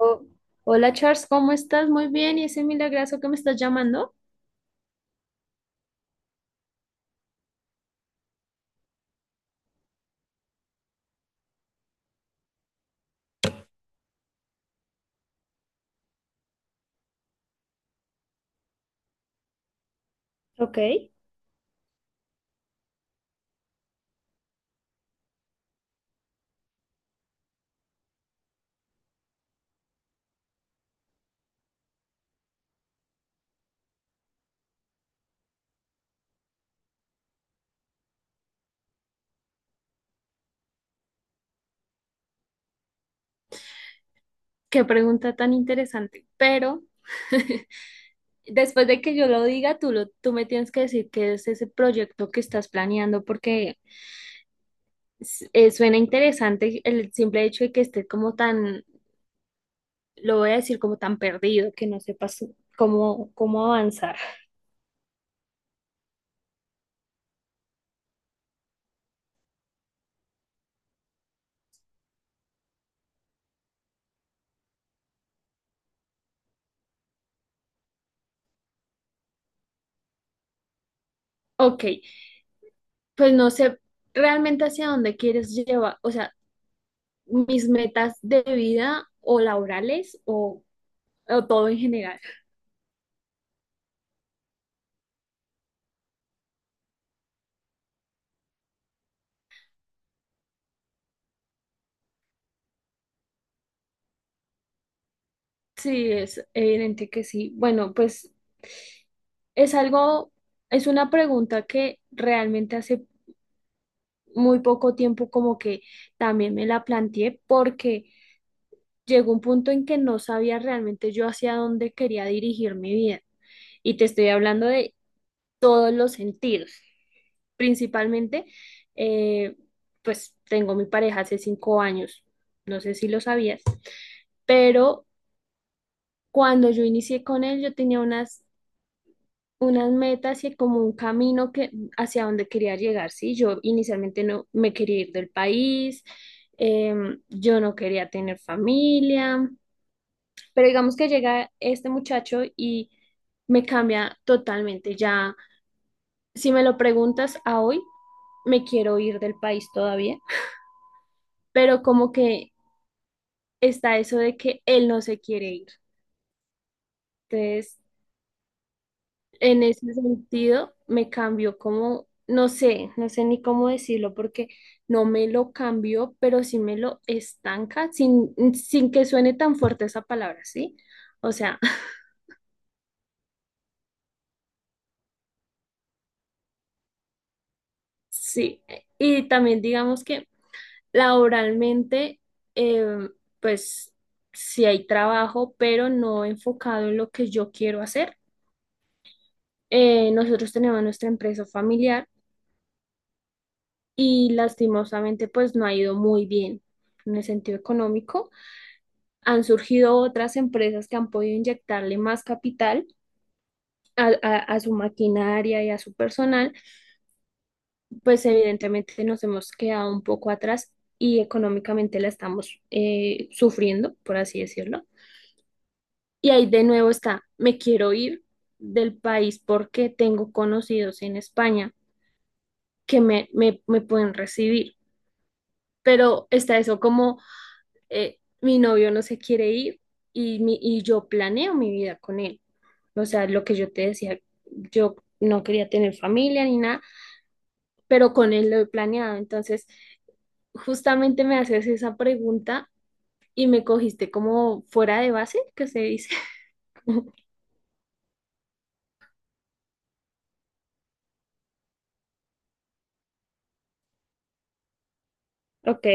Oh, hola Charles, ¿cómo estás? Muy bien, y ese milagrazo que me estás llamando. Ok, qué pregunta tan interesante. Pero después de que yo lo diga, tú me tienes que decir qué es ese proyecto que estás planeando, porque suena interesante el simple hecho de que esté como tan, lo voy a decir como tan perdido, que no sepas cómo avanzar. Ok, pues no sé realmente hacia dónde quieres llevar, o sea, mis metas de vida o laborales o todo en general. Sí, es evidente que sí. Bueno, pues es algo, es una pregunta que realmente hace muy poco tiempo como que también me la planteé porque llegó un punto en que no sabía realmente yo hacia dónde quería dirigir mi vida. Y te estoy hablando de todos los sentidos. Principalmente, eh, pues tengo mi pareja hace 5 años, no sé si lo sabías, pero cuando yo inicié con él, yo tenía unas metas y como un camino que hacia donde quería llegar, ¿sí? Yo inicialmente no me quería ir del país. Yo no quería tener familia, pero digamos que llega este muchacho y me cambia totalmente. Ya, si me lo preguntas a hoy, me quiero ir del país todavía, pero como que está eso de que él no se quiere ir. Entonces, en ese sentido, me cambió como, no sé, no sé ni cómo decirlo, porque no me lo cambió, pero sí me lo estanca sin que suene tan fuerte esa palabra, ¿sí? O sea, sí. Y también digamos que laboralmente, eh, pues sí hay trabajo, pero no enfocado en lo que yo quiero hacer. Nosotros tenemos nuestra empresa familiar y lastimosamente pues no ha ido muy bien en el sentido económico. Han surgido otras empresas que han podido inyectarle más capital a su maquinaria y a su personal, pues evidentemente nos hemos quedado un poco atrás y económicamente la estamos sufriendo, por así decirlo. Y ahí de nuevo está, me quiero ir del país porque tengo conocidos en España que me pueden recibir, pero está eso como mi novio no se quiere ir y yo planeo mi vida con él. O sea, lo que yo te decía, yo no quería tener familia ni nada, pero con él lo he planeado. Entonces, justamente me haces esa pregunta y me cogiste como fuera de base, que se dice. Ok,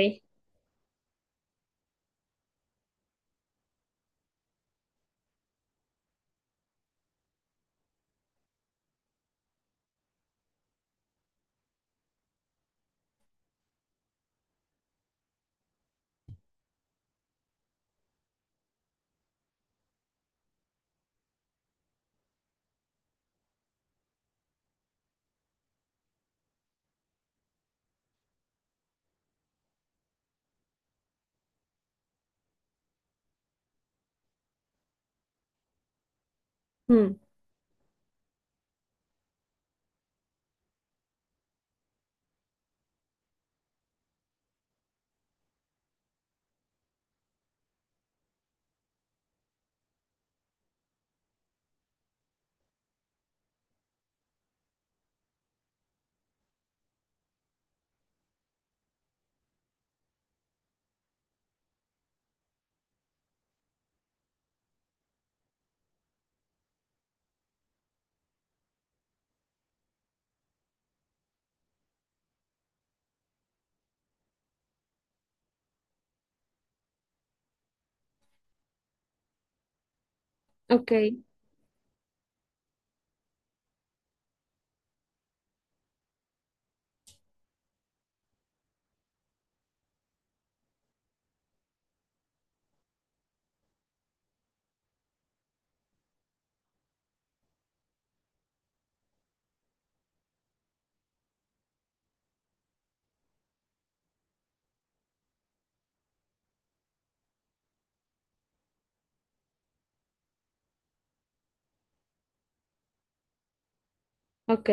mm, ok, ok.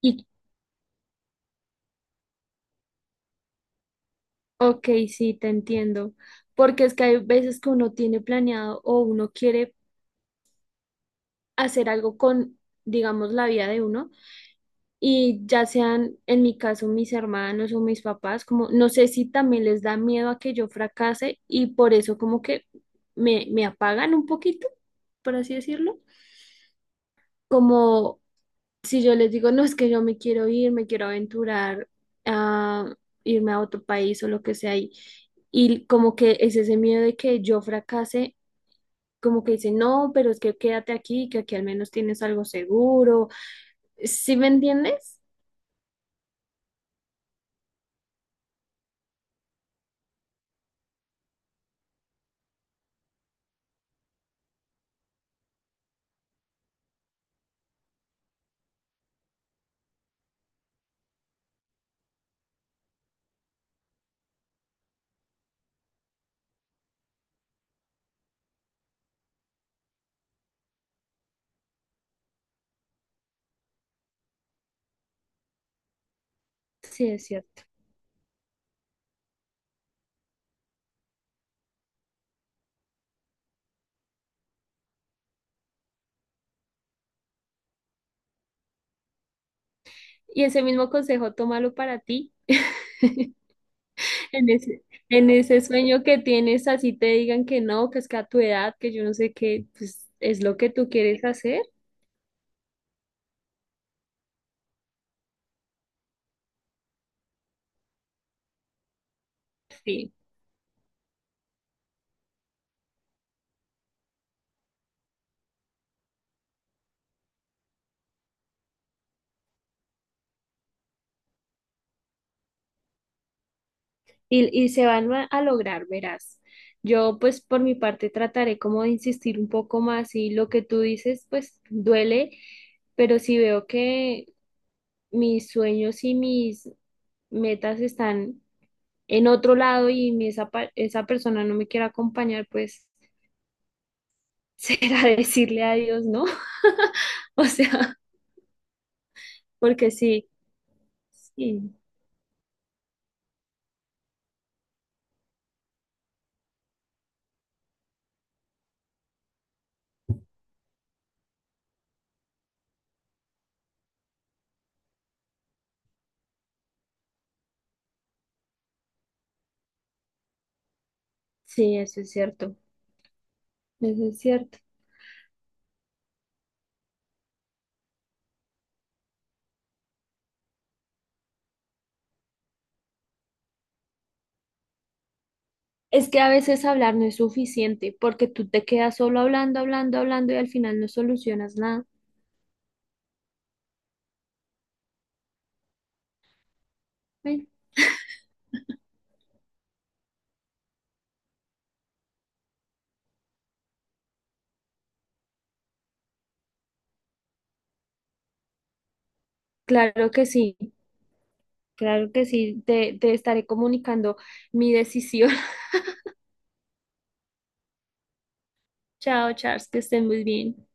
Y, ok, sí, te entiendo. Porque es que hay veces que uno tiene planeado o uno quiere hacer algo con, digamos, la vida de uno y ya sean, en mi caso, mis hermanos o mis papás, como no sé si también les da miedo a que yo fracase y por eso como que me apagan un poquito, por así decirlo, como si yo les digo, no, es que yo me quiero ir, me quiero aventurar a irme a otro país o lo que sea, y como que es ese miedo de que yo fracase. Como que dicen, no, pero es que quédate aquí, que aquí al menos tienes algo seguro. ¿Sí me entiendes? Sí, es cierto. Y ese mismo consejo, tómalo para ti. En ese, en ese sueño que tienes, así te digan que no, que es que a tu edad, que yo no sé qué, pues es lo que tú quieres hacer. Sí. Y se van a lograr, verás. Yo, pues por mi parte, trataré como de insistir un poco más y lo que tú dices, pues duele, pero si veo que mis sueños y mis metas están en otro lado y esa persona no me quiere acompañar, pues... será decirle adiós, ¿no? O sea, porque sí, sí, sí, eso es cierto, eso es cierto. Es que a veces hablar no es suficiente, porque tú te quedas solo hablando, hablando, hablando y al final no solucionas nada. Bueno, claro que sí, claro que sí, te estaré comunicando mi decisión. Chao, Charles, que estén muy bien.